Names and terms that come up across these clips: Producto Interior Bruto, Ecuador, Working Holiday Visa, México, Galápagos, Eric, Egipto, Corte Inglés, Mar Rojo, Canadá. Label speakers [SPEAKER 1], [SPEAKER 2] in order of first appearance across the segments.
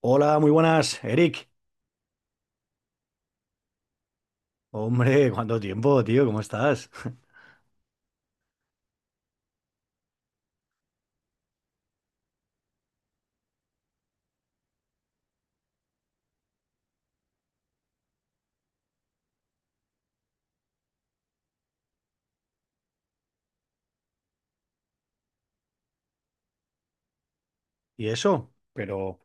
[SPEAKER 1] Hola, muy buenas, Eric. Hombre, cuánto tiempo, tío, ¿cómo estás? ¿Y eso? Pero,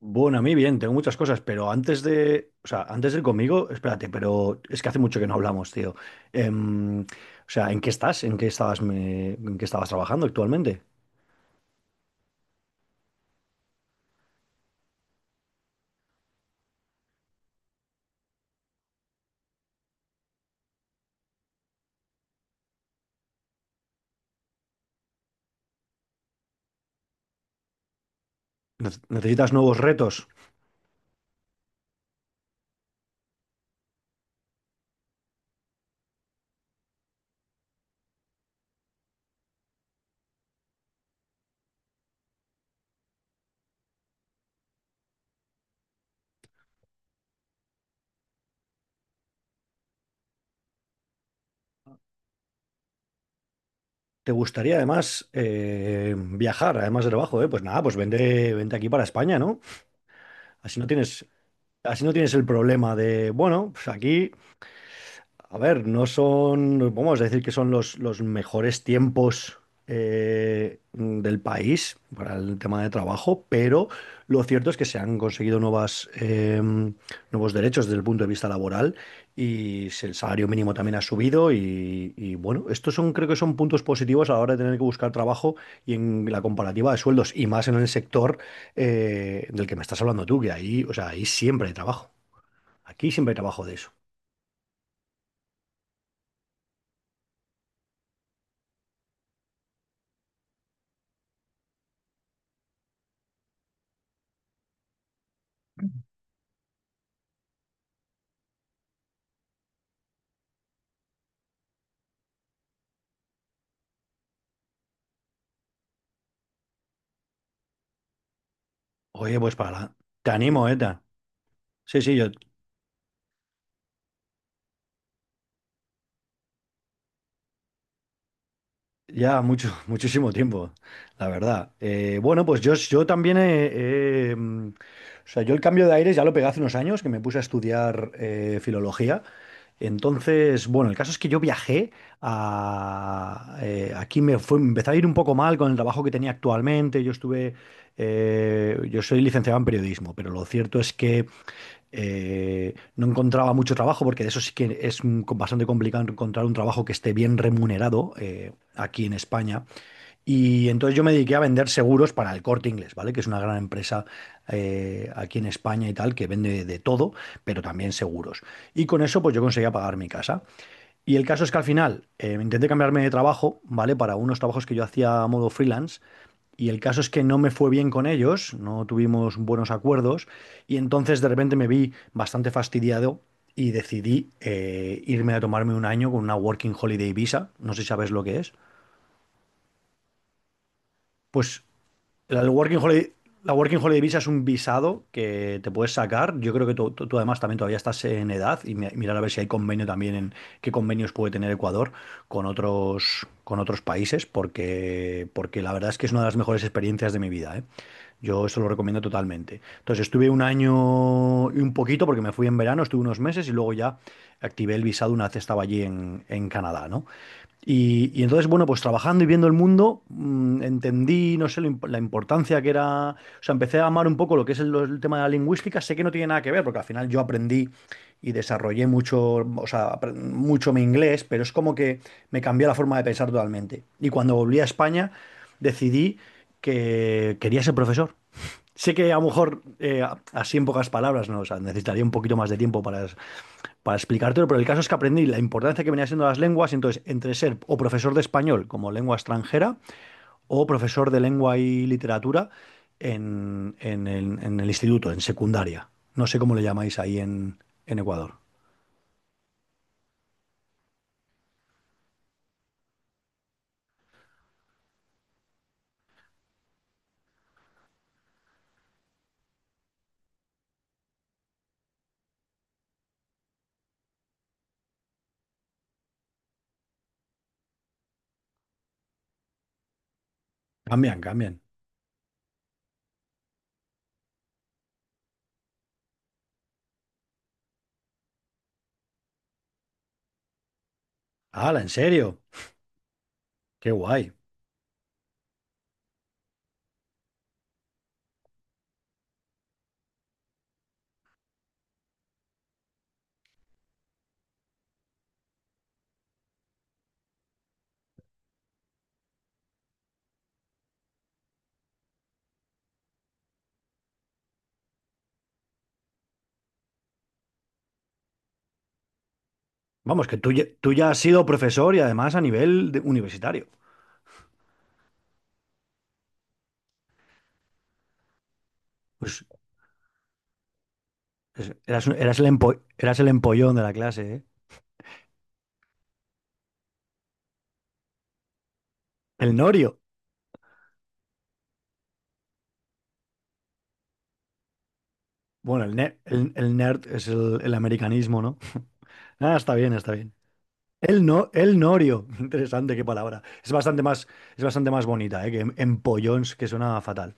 [SPEAKER 1] bueno, a mí bien, tengo muchas cosas, pero antes de, o sea, antes de ir conmigo, espérate, pero es que hace mucho que no hablamos, tío. O sea, ¿en qué estás? ¿En qué estabas, en qué estabas trabajando actualmente? ¿Necesitas nuevos retos? ¿Te gustaría además viajar, además de trabajo, eh? Pues nada, pues vente, vente aquí para España, ¿no? Así no tienes, así no tienes el problema de, bueno, pues aquí. A ver, no son, vamos a decir que son los mejores tiempos del país para el tema de trabajo, pero lo cierto es que se han conseguido nuevas, nuevos derechos desde el punto de vista laboral y el salario mínimo también ha subido y, bueno, estos son, creo que son puntos positivos a la hora de tener que buscar trabajo y en la comparativa de sueldos y más en el sector del que me estás hablando tú, que ahí, o sea, ahí siempre hay trabajo. Aquí siempre hay trabajo de eso. Oye, pues para la... Te animo, Eta. Sí, sí, yo ya mucho, muchísimo tiempo, la verdad. Bueno, pues yo también he, o sea, yo el cambio de aires ya lo pegué hace unos años, que me puse a estudiar filología. Entonces, bueno, el caso es que yo viajé aquí me fue, me empezó a ir un poco mal con el trabajo que tenía actualmente. Yo estuve, yo soy licenciado en periodismo, pero lo cierto es que no encontraba mucho trabajo, porque de eso sí que es bastante complicado encontrar un trabajo que esté bien remunerado aquí en España. Y entonces yo me dediqué a vender seguros para el Corte Inglés, ¿vale? Que es una gran empresa aquí en España y tal, que vende de todo, pero también seguros. Y con eso pues yo conseguía pagar mi casa. Y el caso es que al final intenté cambiarme de trabajo, ¿vale? Para unos trabajos que yo hacía a modo freelance. Y el caso es que no me fue bien con ellos, no tuvimos buenos acuerdos. Y entonces de repente me vi bastante fastidiado y decidí irme a tomarme un año con una Working Holiday Visa. No sé si sabes lo que es. Pues la Working Holiday, la Working Holiday Visa es un visado que te puedes sacar. Yo creo que tú, tú además también todavía estás en edad y mirar a ver si hay convenio también en qué convenios puede tener Ecuador con otros países, porque, porque la verdad es que es una de las mejores experiencias de mi vida, ¿eh? Yo eso lo recomiendo totalmente. Entonces estuve un año y un poquito porque me fui en verano, estuve unos meses y luego ya activé el visado una vez estaba allí en Canadá, ¿no? Y entonces, bueno, pues trabajando y viendo el mundo, entendí, no sé, la importancia que era, o sea, empecé a amar un poco lo que es el tema de la lingüística, sé que no tiene nada que ver, porque al final yo aprendí y desarrollé mucho, o sea, mucho mi inglés, pero es como que me cambió la forma de pensar totalmente. Y cuando volví a España, decidí que quería ser profesor. Sé que a lo mejor, así en pocas palabras, ¿no? O sea, necesitaría un poquito más de tiempo para explicártelo, pero el caso es que aprendí la importancia que venía siendo las lenguas, y entonces entre ser o profesor de español como lengua extranjera o profesor de lengua y literatura en el instituto, en secundaria. No sé cómo le llamáis ahí en Ecuador. Cambian, cambian. ¡Hala, en serio! ¡Qué guay! Vamos, que tú, tú ya has sido profesor y además a nivel universitario. Pues eras, eras eras el empollón de la clase, ¿eh? El norio. Bueno, el, el nerd es el americanismo, ¿no? Ah, está bien, está bien. El no, el norio. Interesante, qué palabra. Es bastante más bonita, ¿eh? Que empollons, que suena fatal.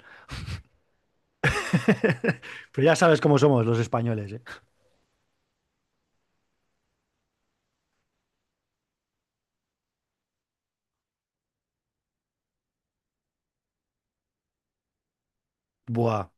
[SPEAKER 1] Pero ya sabes cómo somos los españoles, ¿eh? Buah.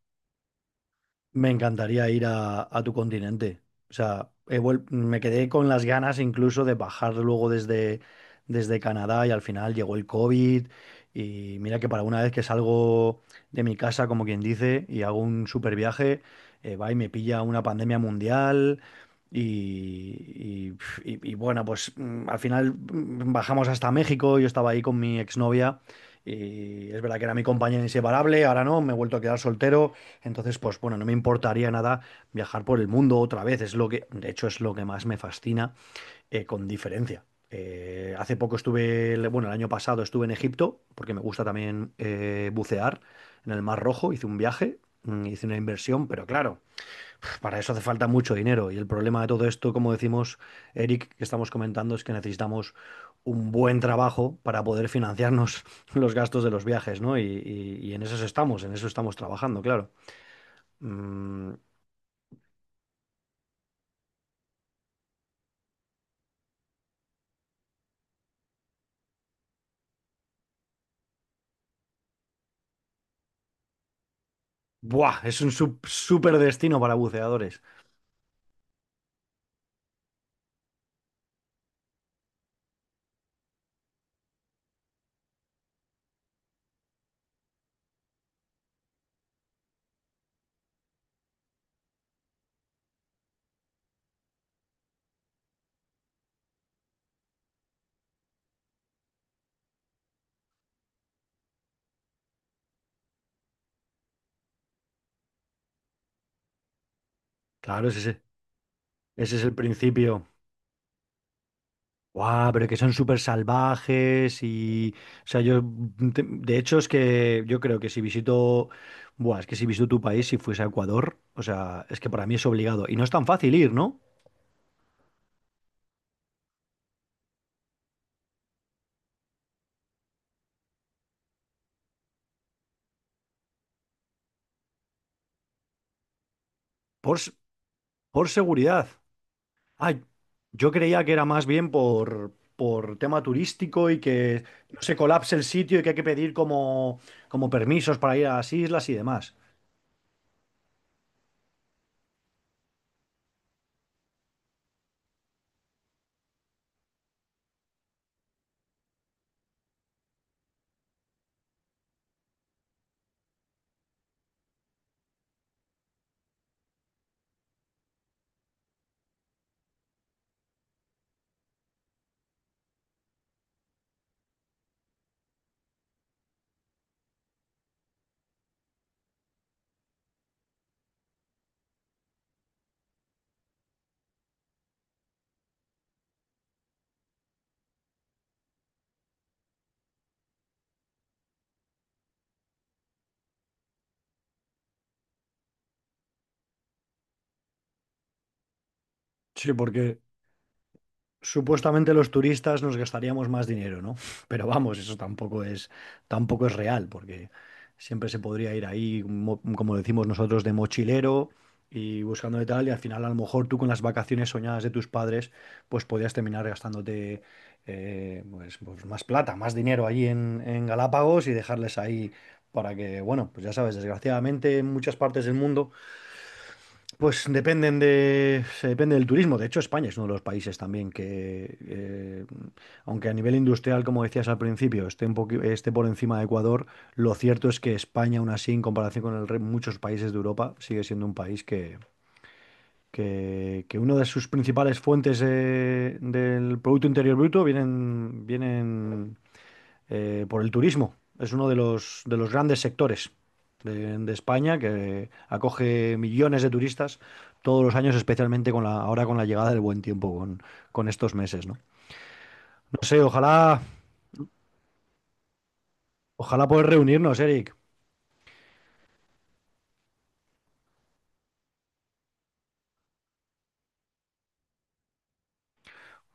[SPEAKER 1] Me encantaría ir a tu continente. O sea, me quedé con las ganas incluso de bajar luego desde, desde Canadá y al final llegó el COVID. Y mira que para una vez que salgo de mi casa, como quien dice, y hago un super viaje, va y me pilla una pandemia mundial. Y, pf, y bueno, pues al final bajamos hasta México. Yo estaba ahí con mi exnovia y es verdad que era mi compañera inseparable, ahora no, me he vuelto a quedar soltero. Entonces, pues bueno, no me importaría nada viajar por el mundo otra vez. Es lo que, de hecho, es lo que más me fascina, con diferencia. Hace poco estuve, bueno, el año pasado estuve en Egipto, porque me gusta también bucear en el Mar Rojo. Hice un viaje, hice una inversión, pero claro, para eso hace falta mucho dinero. Y el problema de todo esto, como decimos, Eric, que estamos comentando, es que necesitamos un buen trabajo para poder financiarnos los gastos de los viajes, ¿no? Y, y en eso estamos trabajando, claro. Mm, Buah, es un súper destino para buceadores. Claro, ese, ese es el principio. Guau, pero que son súper salvajes y... O sea, yo... De hecho, es que yo creo que si visito... Buah, es que si visito tu país, si fuese a Ecuador, o sea, es que para mí es obligado. Y no es tan fácil ir, ¿no? Por, por seguridad. Ay, yo creía que era más bien por tema turístico y que no se colapse el sitio y que hay que pedir como, como permisos para ir a las islas y demás. Sí, porque supuestamente los turistas nos gastaríamos más dinero, ¿no? Pero vamos, eso tampoco es, tampoco es real, porque siempre se podría ir ahí, como decimos nosotros, de mochilero y buscando de tal, y al final a lo mejor tú con las vacaciones soñadas de tus padres, pues podías terminar gastándote pues, pues más plata, más dinero allí en Galápagos y dejarles ahí para que, bueno, pues ya sabes, desgraciadamente en muchas partes del mundo pues dependen de, se depende del turismo. De hecho, España es uno de los países también que, aunque a nivel industrial, como decías al principio, esté esté por encima de Ecuador, lo cierto es que España, aún así, en comparación con muchos países de Europa, sigue siendo un país que una de sus principales fuentes del Producto Interior Bruto vienen, vienen por el turismo. Es uno de los grandes sectores de España que acoge millones de turistas todos los años, especialmente con la, ahora con la llegada del buen tiempo, con estos meses, ¿no? No sé, ojalá, ojalá poder reunirnos, Eric.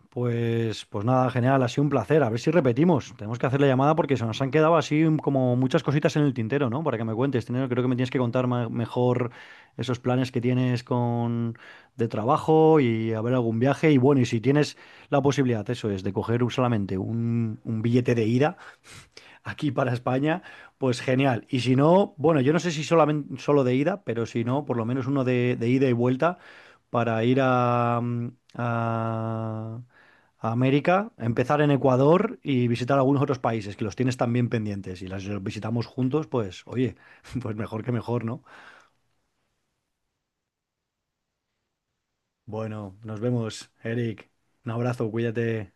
[SPEAKER 1] Pues, pues nada, genial, ha sido un placer. A ver si repetimos. Tenemos que hacer la llamada porque se nos han quedado así como muchas cositas en el tintero, ¿no? Para que me cuentes. Tenero, creo que me tienes que contar mejor esos planes que tienes con de trabajo y a ver algún viaje. Y bueno, y si tienes la posibilidad, eso es, de coger solamente un billete de ida, aquí para España, pues genial. Y si no, bueno, yo no sé si solamente solo de ida, pero si no, por lo menos uno de ida y vuelta para ir a, a- a América, empezar en Ecuador y visitar algunos otros países que los tienes también pendientes. Y los visitamos juntos, pues oye, pues mejor que mejor, ¿no? Bueno, nos vemos, Eric. Un abrazo, cuídate.